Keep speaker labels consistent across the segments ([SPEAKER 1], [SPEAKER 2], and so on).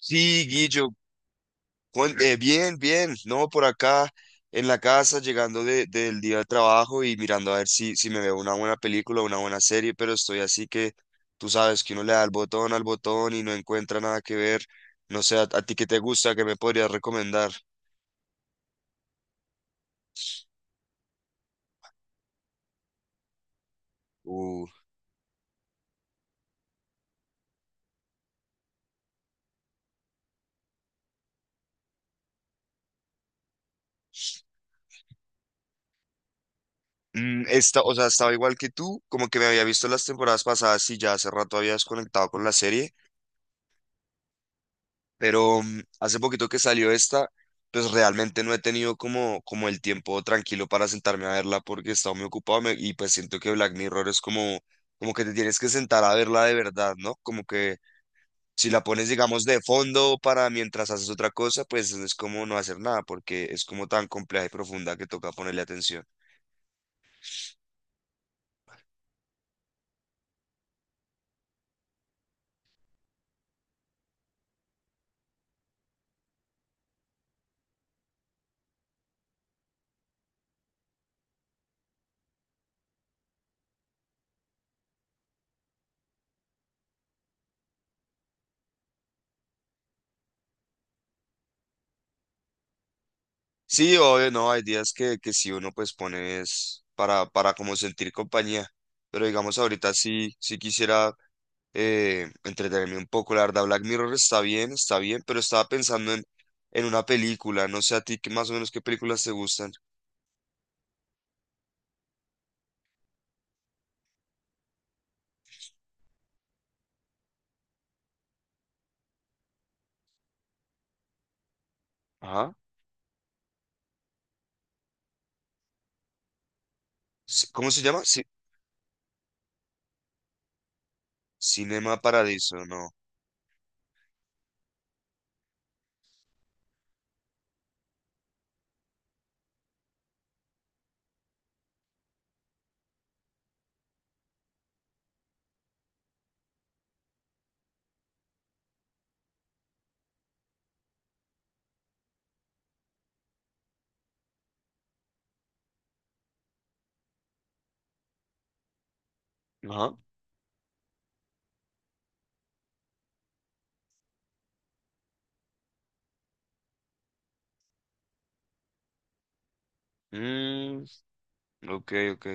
[SPEAKER 1] Sí, Guillo, bien, bien, no, por acá en la casa, llegando del día de trabajo y mirando a ver si me veo una buena película, una buena serie, pero estoy así que tú sabes que uno le da el botón al botón y no encuentra nada que ver. No sé, a ti qué te gusta, qué me podrías recomendar. Uh, esta, o sea, estaba igual que tú, como que me había visto las temporadas pasadas y ya hace rato había desconectado con la serie. Pero hace poquito que salió esta, pues realmente no he tenido como, como el tiempo tranquilo para sentarme a verla porque he estado muy ocupado y pues siento que Black Mirror es como, como que te tienes que sentar a verla de verdad, ¿no? Como que si la pones, digamos, de fondo para mientras haces otra cosa, pues es como no hacer nada porque es como tan compleja y profunda que toca ponerle atención. Sí, obvio, no, hay días que sí uno pues pones para como sentir compañía, pero digamos ahorita sí, sí quisiera entretenerme un poco. La verdad, Black Mirror está bien, pero estaba pensando en una película. No sé a ti qué más o menos qué películas te gustan. Ajá. Sí, ¿cómo se llama? Sí, Cinema Paradiso, no. Ajá. Mm, ok, ok.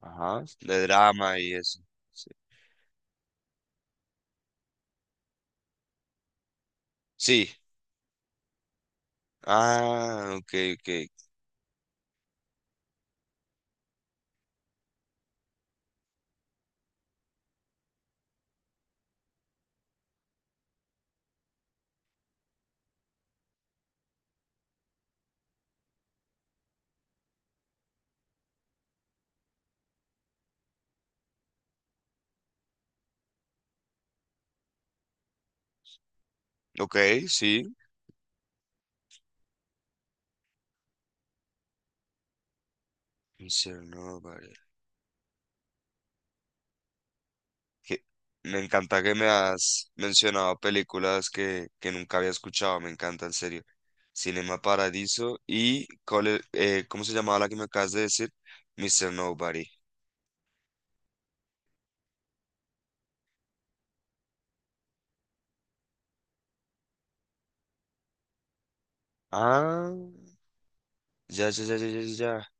[SPEAKER 1] Ajá. De drama y eso. Sí. Sí. Ah, ok, ok. Ok, sí. Mr. Nobody. que- Me encanta que me has mencionado películas que nunca había escuchado, me encanta, en serio. Cinema Paradiso y, ¿cómo se llamaba la que me acabas de decir? Mister Nobody. Ah, ya, ya, ya, ya, ya, ya.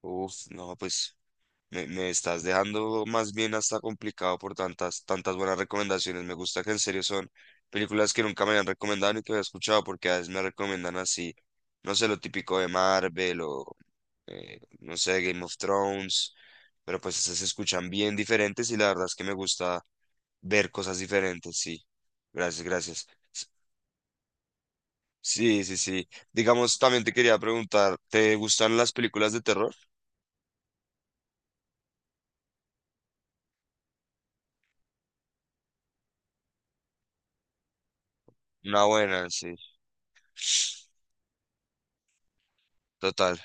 [SPEAKER 1] Uf, no, pues me estás dejando más bien hasta complicado por tantas, tantas buenas recomendaciones. Me gusta que en serio son películas que nunca me habían recomendado ni que había escuchado, porque a veces me recomiendan así, no sé, lo típico de Marvel o no sé, Game of Thrones, pero pues esas se escuchan bien diferentes y la verdad es que me gusta ver cosas diferentes, sí. Gracias, gracias. S- Sí, sí, sí. Digamos, también te quería preguntar, ¿te gustan las películas de terror? Una buena, sí, total.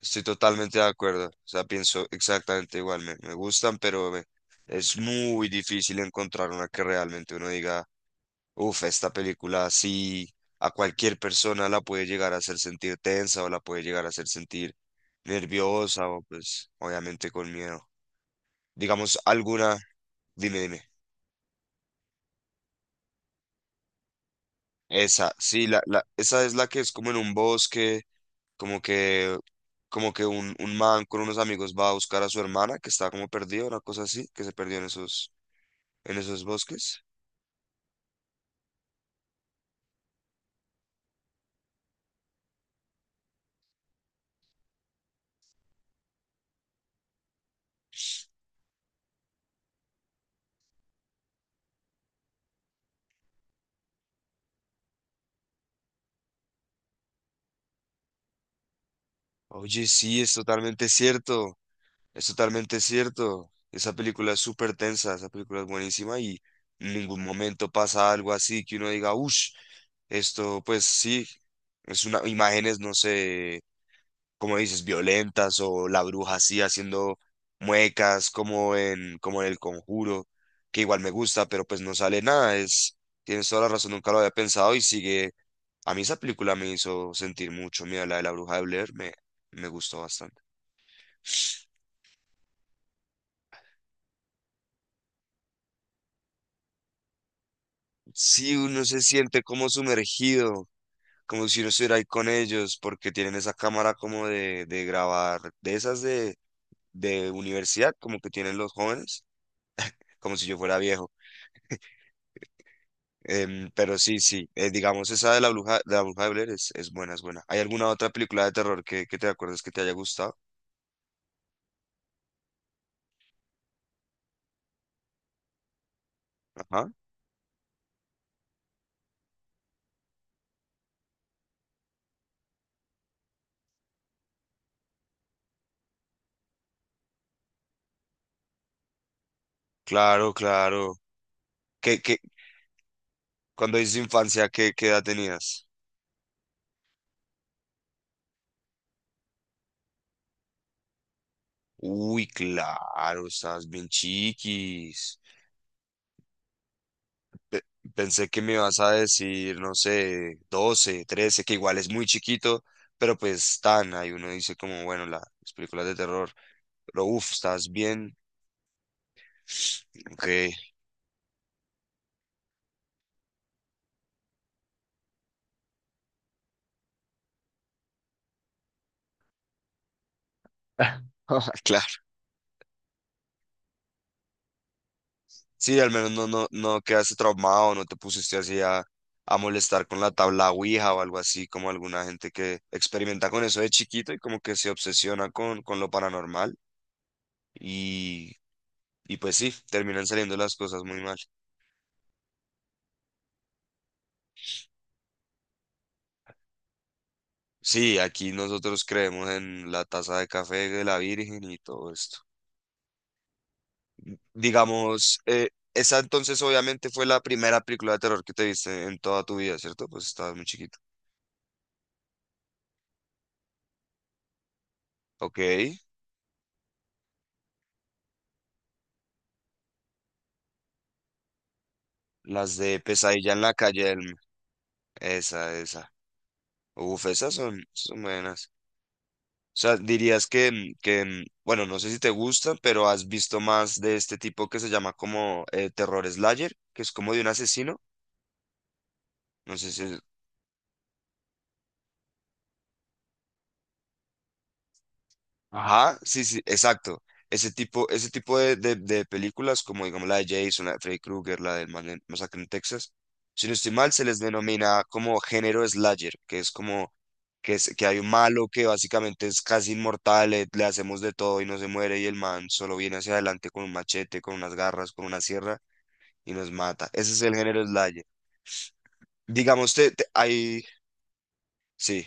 [SPEAKER 1] Estoy totalmente de acuerdo. O sea, pienso exactamente igual. Me gustan, pero es muy difícil encontrar una que realmente uno diga. Uf, esta película sí a cualquier persona la puede llegar a hacer sentir tensa o la puede llegar a hacer sentir nerviosa o pues obviamente con miedo. Digamos alguna, dime, dime. Esa, sí, esa es la que es como en un bosque, como que, como que un man con unos amigos va a buscar a su hermana que está como perdida, una cosa así, que se perdió en esos bosques. Oye, sí, es totalmente cierto. Es totalmente cierto. Esa película es súper tensa, esa película es buenísima y en ningún momento pasa algo así que uno diga, uff, esto pues sí, es una, imágenes, no sé, como dices, violentas o la bruja así haciendo muecas como en El Conjuro, que igual me gusta, pero pues no sale nada. Es, tienes toda la razón, nunca lo había pensado y sigue. A mí esa película me hizo sentir mucho, mira, la de la bruja de Blair me, me gustó bastante. Sí, uno se siente como sumergido, como si uno estuviera ahí con ellos, porque tienen esa cámara como de grabar, de esas de universidad, como que tienen los jóvenes, como si yo fuera viejo. Pero sí, sí, digamos esa de la bruja, de la bruja de Blair es buena, es buena. ¿Hay alguna otra película de terror que te acuerdes que te haya gustado? Ajá. Claro, claro. ¿Qué, qué, cuando dices infancia, qué, qué edad tenías? Uy, claro, estabas bien chiquis. Pe- Pensé que me ibas a decir, no sé, 12 13 que igual es muy chiquito, pero pues tan, ahí uno dice como, bueno, las películas de terror, pero uff, estás bien. Ok, claro. Sí, al menos no, no, no quedaste traumado, no te pusiste así a molestar con la tabla Ouija o algo así, como alguna gente que experimenta con eso de chiquito y como que se obsesiona con lo paranormal y, y pues sí, terminan saliendo las cosas muy mal. Sí, aquí nosotros creemos en la taza de café de la Virgen y todo esto. Digamos, esa entonces obviamente fue la primera película de terror que te viste en toda tu vida, ¿cierto? Pues estabas muy chiquito. Ok, las de Pesadilla en la calle Elm, esa, esa. Uf, esas son, son buenas. O sea, dirías que, que, bueno, no sé si te gustan, pero has visto más de este tipo que se llama como Terror Slayer, que es como de un asesino. No sé si ajá, sí, sí, exacto. Ese tipo de, de películas, como digamos la de Jason, la de Freddy Krueger, la del Masacre en Texas, si no estoy mal, se les denomina como género slasher, que es como que, es, que hay un malo que básicamente es casi inmortal, le hacemos de todo y no se muere, y el man solo viene hacia adelante con un machete, con unas garras, con una sierra y nos mata. Ese es el género slasher. Digamos, te, hay, sí.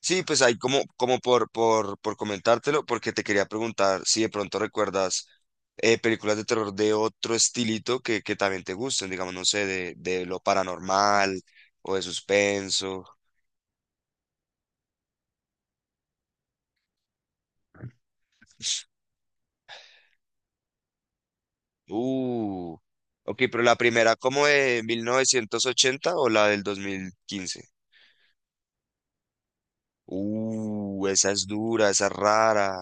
[SPEAKER 1] Sí, pues ahí como, como por comentártelo, porque te quería preguntar si de pronto recuerdas películas de terror de otro estilito que también te gusten, digamos, no sé, de lo paranormal o de suspenso. Uh, ok, pero la primera, ¿como de 1980 o la del 2015? Esa es dura, esa es rara.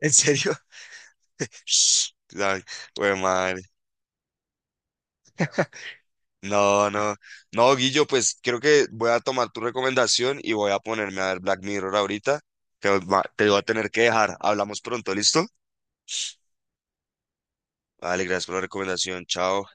[SPEAKER 1] ¿En serio? Ay, güey, madre. No, no, no, Guillo, pues creo que voy a tomar tu recomendación y voy a ponerme a ver Black Mirror ahorita. Te, te voy a tener que dejar. Hablamos pronto, ¿listo? Vale, gracias por la recomendación. Chao.